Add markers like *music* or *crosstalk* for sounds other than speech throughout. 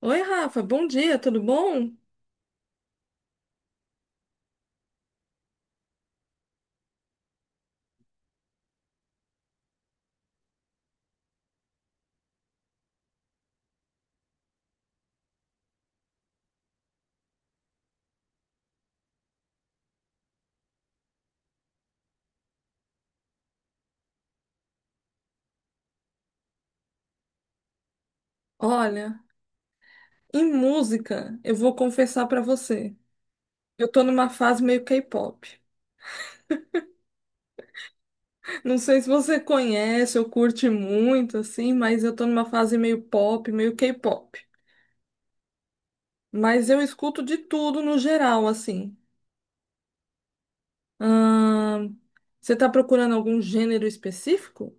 Oi, Rafa, bom dia, tudo bom? Olha, em música, eu vou confessar pra você. Eu tô numa fase meio K-pop. Não sei se você conhece ou curte muito, assim, mas eu tô numa fase meio pop, meio K-pop. Mas eu escuto de tudo no geral, assim. Ahn, Você tá procurando algum gênero específico?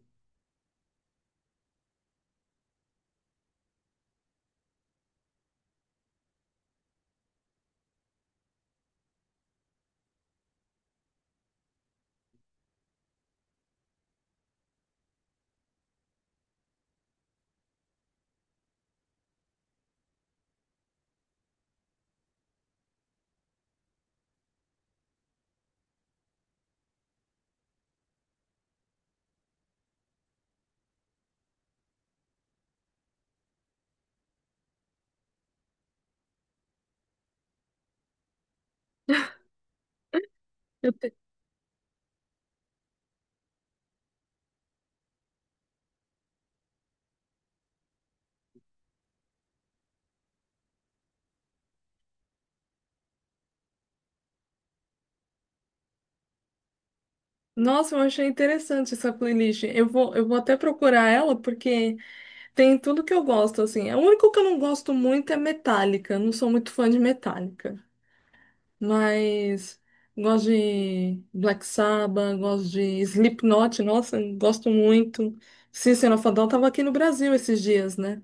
Eu te- Nossa, eu achei interessante essa playlist. Eu vou até procurar ela, porque. Tem tudo que eu gosto, assim. O único que eu não gosto muito é Metallica. Não sou muito fã de Metallica. Mas gosto de Black Sabbath, gosto de Slipknot, nossa, gosto muito. System of a Down tava aqui no Brasil esses dias, né?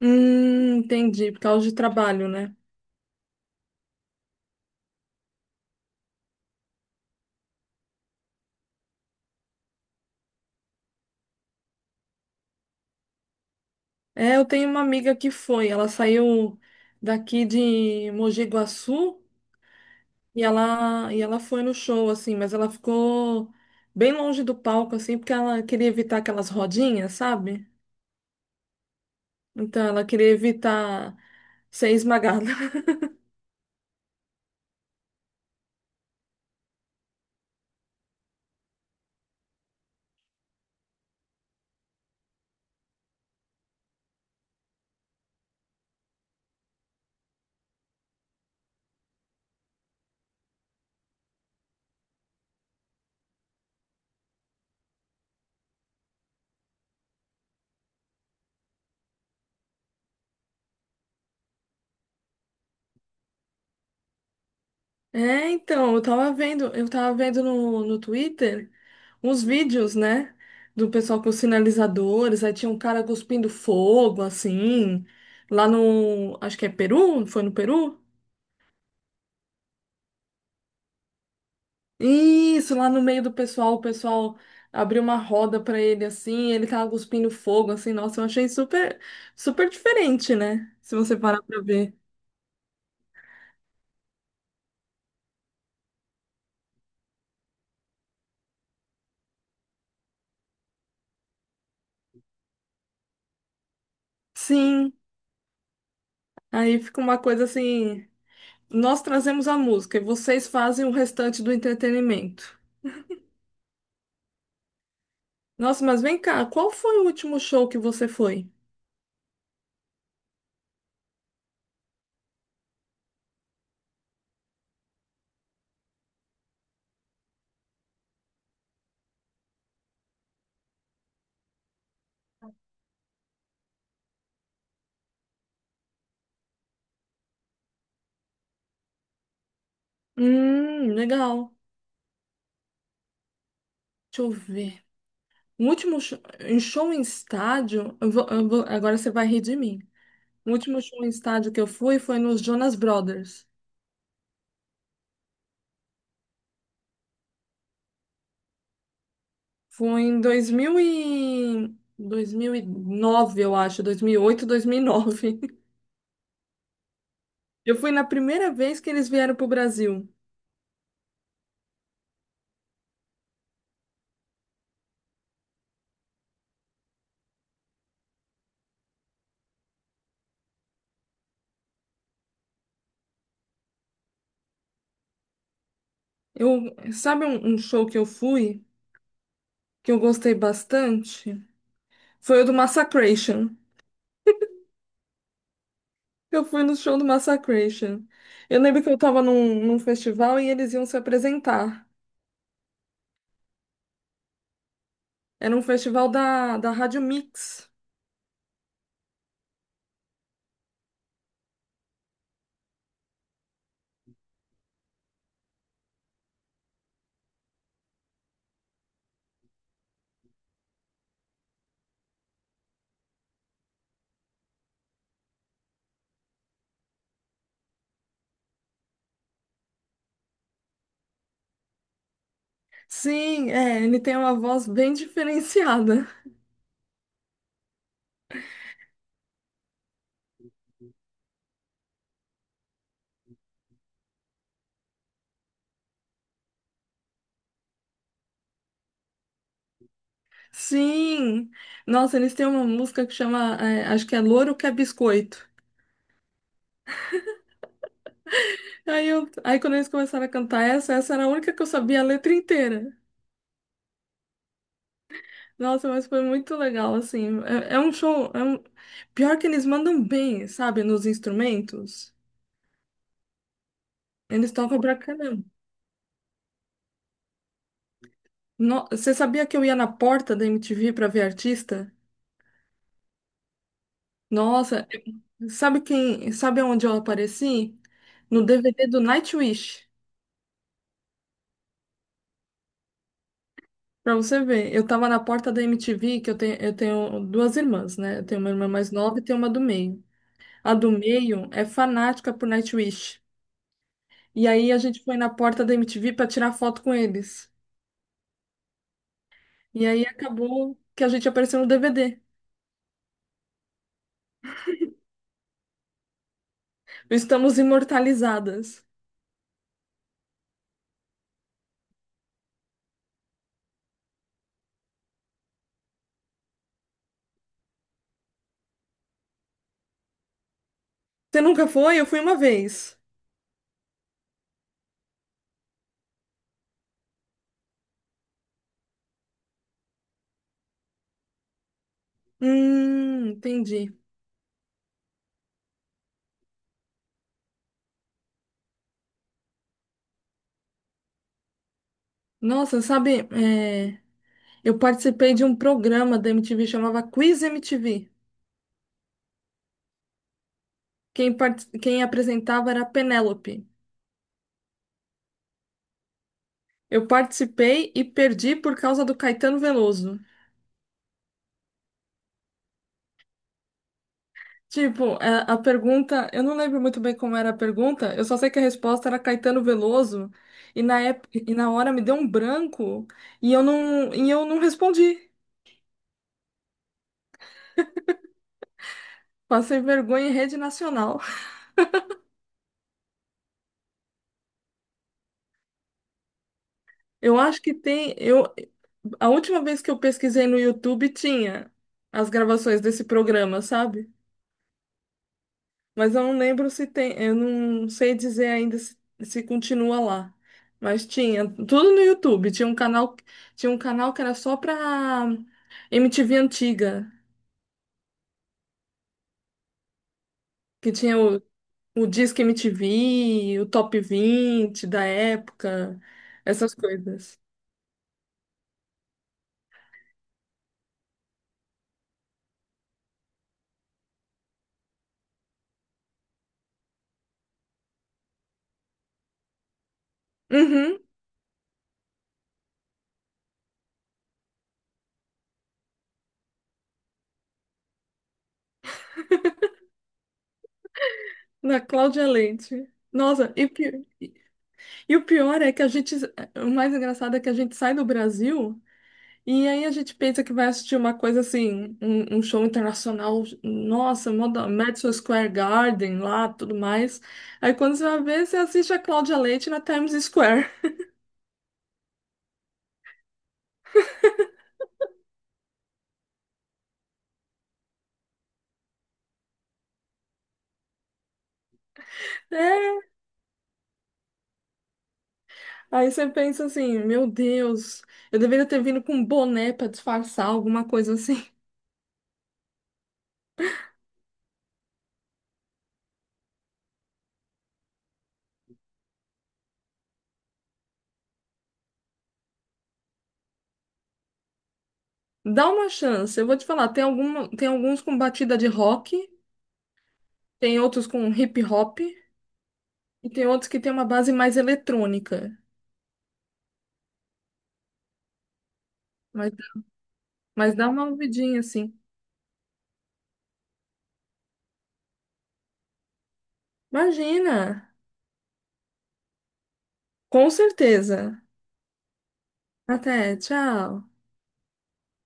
Entendi, por causa de trabalho, né? É, eu tenho uma amiga que foi, ela saiu daqui de Mogi Guaçu. E ela foi no show, assim, mas ela ficou bem longe do palco, assim, porque ela queria evitar aquelas rodinhas, sabe? Então ela queria evitar ser esmagada. *laughs* É, então, eu tava vendo no Twitter uns vídeos, né? Do pessoal com os sinalizadores, aí tinha um cara cuspindo fogo, assim, lá no, acho que é Peru, foi no Peru? Isso, lá no meio do pessoal, o pessoal abriu uma roda pra ele assim, ele tava cuspindo fogo assim. Nossa, eu achei super super diferente, né? Se você parar pra ver. Sim, aí fica uma coisa assim, nós trazemos a música e vocês fazem o restante do entretenimento. Nossa, mas vem cá, qual foi o último show que você foi? Legal. Deixa eu ver. O último show em estádio, agora você vai rir de mim. O último show em estádio que eu fui foi nos Jonas Brothers. Foi em 2009, eu acho, 2008, 2009. *laughs* Eu fui na primeira vez que eles vieram para o Brasil. Eu, sabe um show que eu fui, que eu gostei bastante? Foi o do Massacration. Eu fui no show do Massacration. Eu lembro que eu estava num festival e eles iam se apresentar. Era um festival da Rádio Mix. Sim, é, ele tem uma voz bem *laughs* diferenciada. Sim! Nossa, eles têm uma música que chama, é, acho que é Louro que é Biscoito. Aí, quando eles começaram a cantar essa era a única que eu sabia a letra inteira. Nossa, mas foi muito legal, assim. É um show. Pior que eles mandam bem, sabe, nos instrumentos. Eles tocam pra caramba. Você sabia que eu ia na porta da MTV pra ver artista? Nossa, sabe onde eu apareci? No DVD do Nightwish. Pra você ver, eu tava na porta da MTV, que eu tenho duas irmãs, né? Eu tenho uma irmã mais nova e tenho uma do meio. A do meio é fanática por Nightwish. E aí a gente foi na porta da MTV pra tirar foto com eles. E aí acabou que a gente apareceu no DVD. Estamos imortalizadas. Você nunca foi? Eu fui uma vez. Entendi. Nossa, sabe, é, eu participei de um programa da MTV, chamava Quiz MTV. Quem apresentava era a Penélope. Eu participei e perdi por causa do Caetano Veloso. Tipo, a pergunta, eu não lembro muito bem como era a pergunta, eu só sei que a resposta era Caetano Veloso, e na época, e na hora me deu um branco e eu não respondi. Passei vergonha em rede nacional. *laughs* Eu acho que tem, a última vez que eu pesquisei no YouTube tinha as gravações desse programa, sabe? Mas eu não lembro se tem, eu não sei dizer ainda se continua lá. Mas tinha tudo no YouTube. Tinha um canal que era só pra MTV antiga, que tinha o Disque MTV, o Top 20 da época, essas coisas. Uhum, da Cláudia Leite. Nossa, e o pior é que a gente, o mais engraçado é que a gente sai do Brasil. E aí a gente pensa que vai assistir uma coisa assim, um show internacional, nossa, Madison Square Garden lá, tudo mais. Aí quando você vai ver, você assiste a Cláudia Leite na Times Square. *laughs* É. Aí você pensa assim, meu Deus, eu deveria ter vindo com um boné para disfarçar, alguma coisa assim. *laughs* Dá uma chance, eu vou te falar, tem alguma, tem alguns com batida de rock, tem outros com hip hop, e tem outros que tem uma base mais eletrônica. Mas, mas, dá uma ouvidinha assim. Imagina! Com certeza. Até, tchau.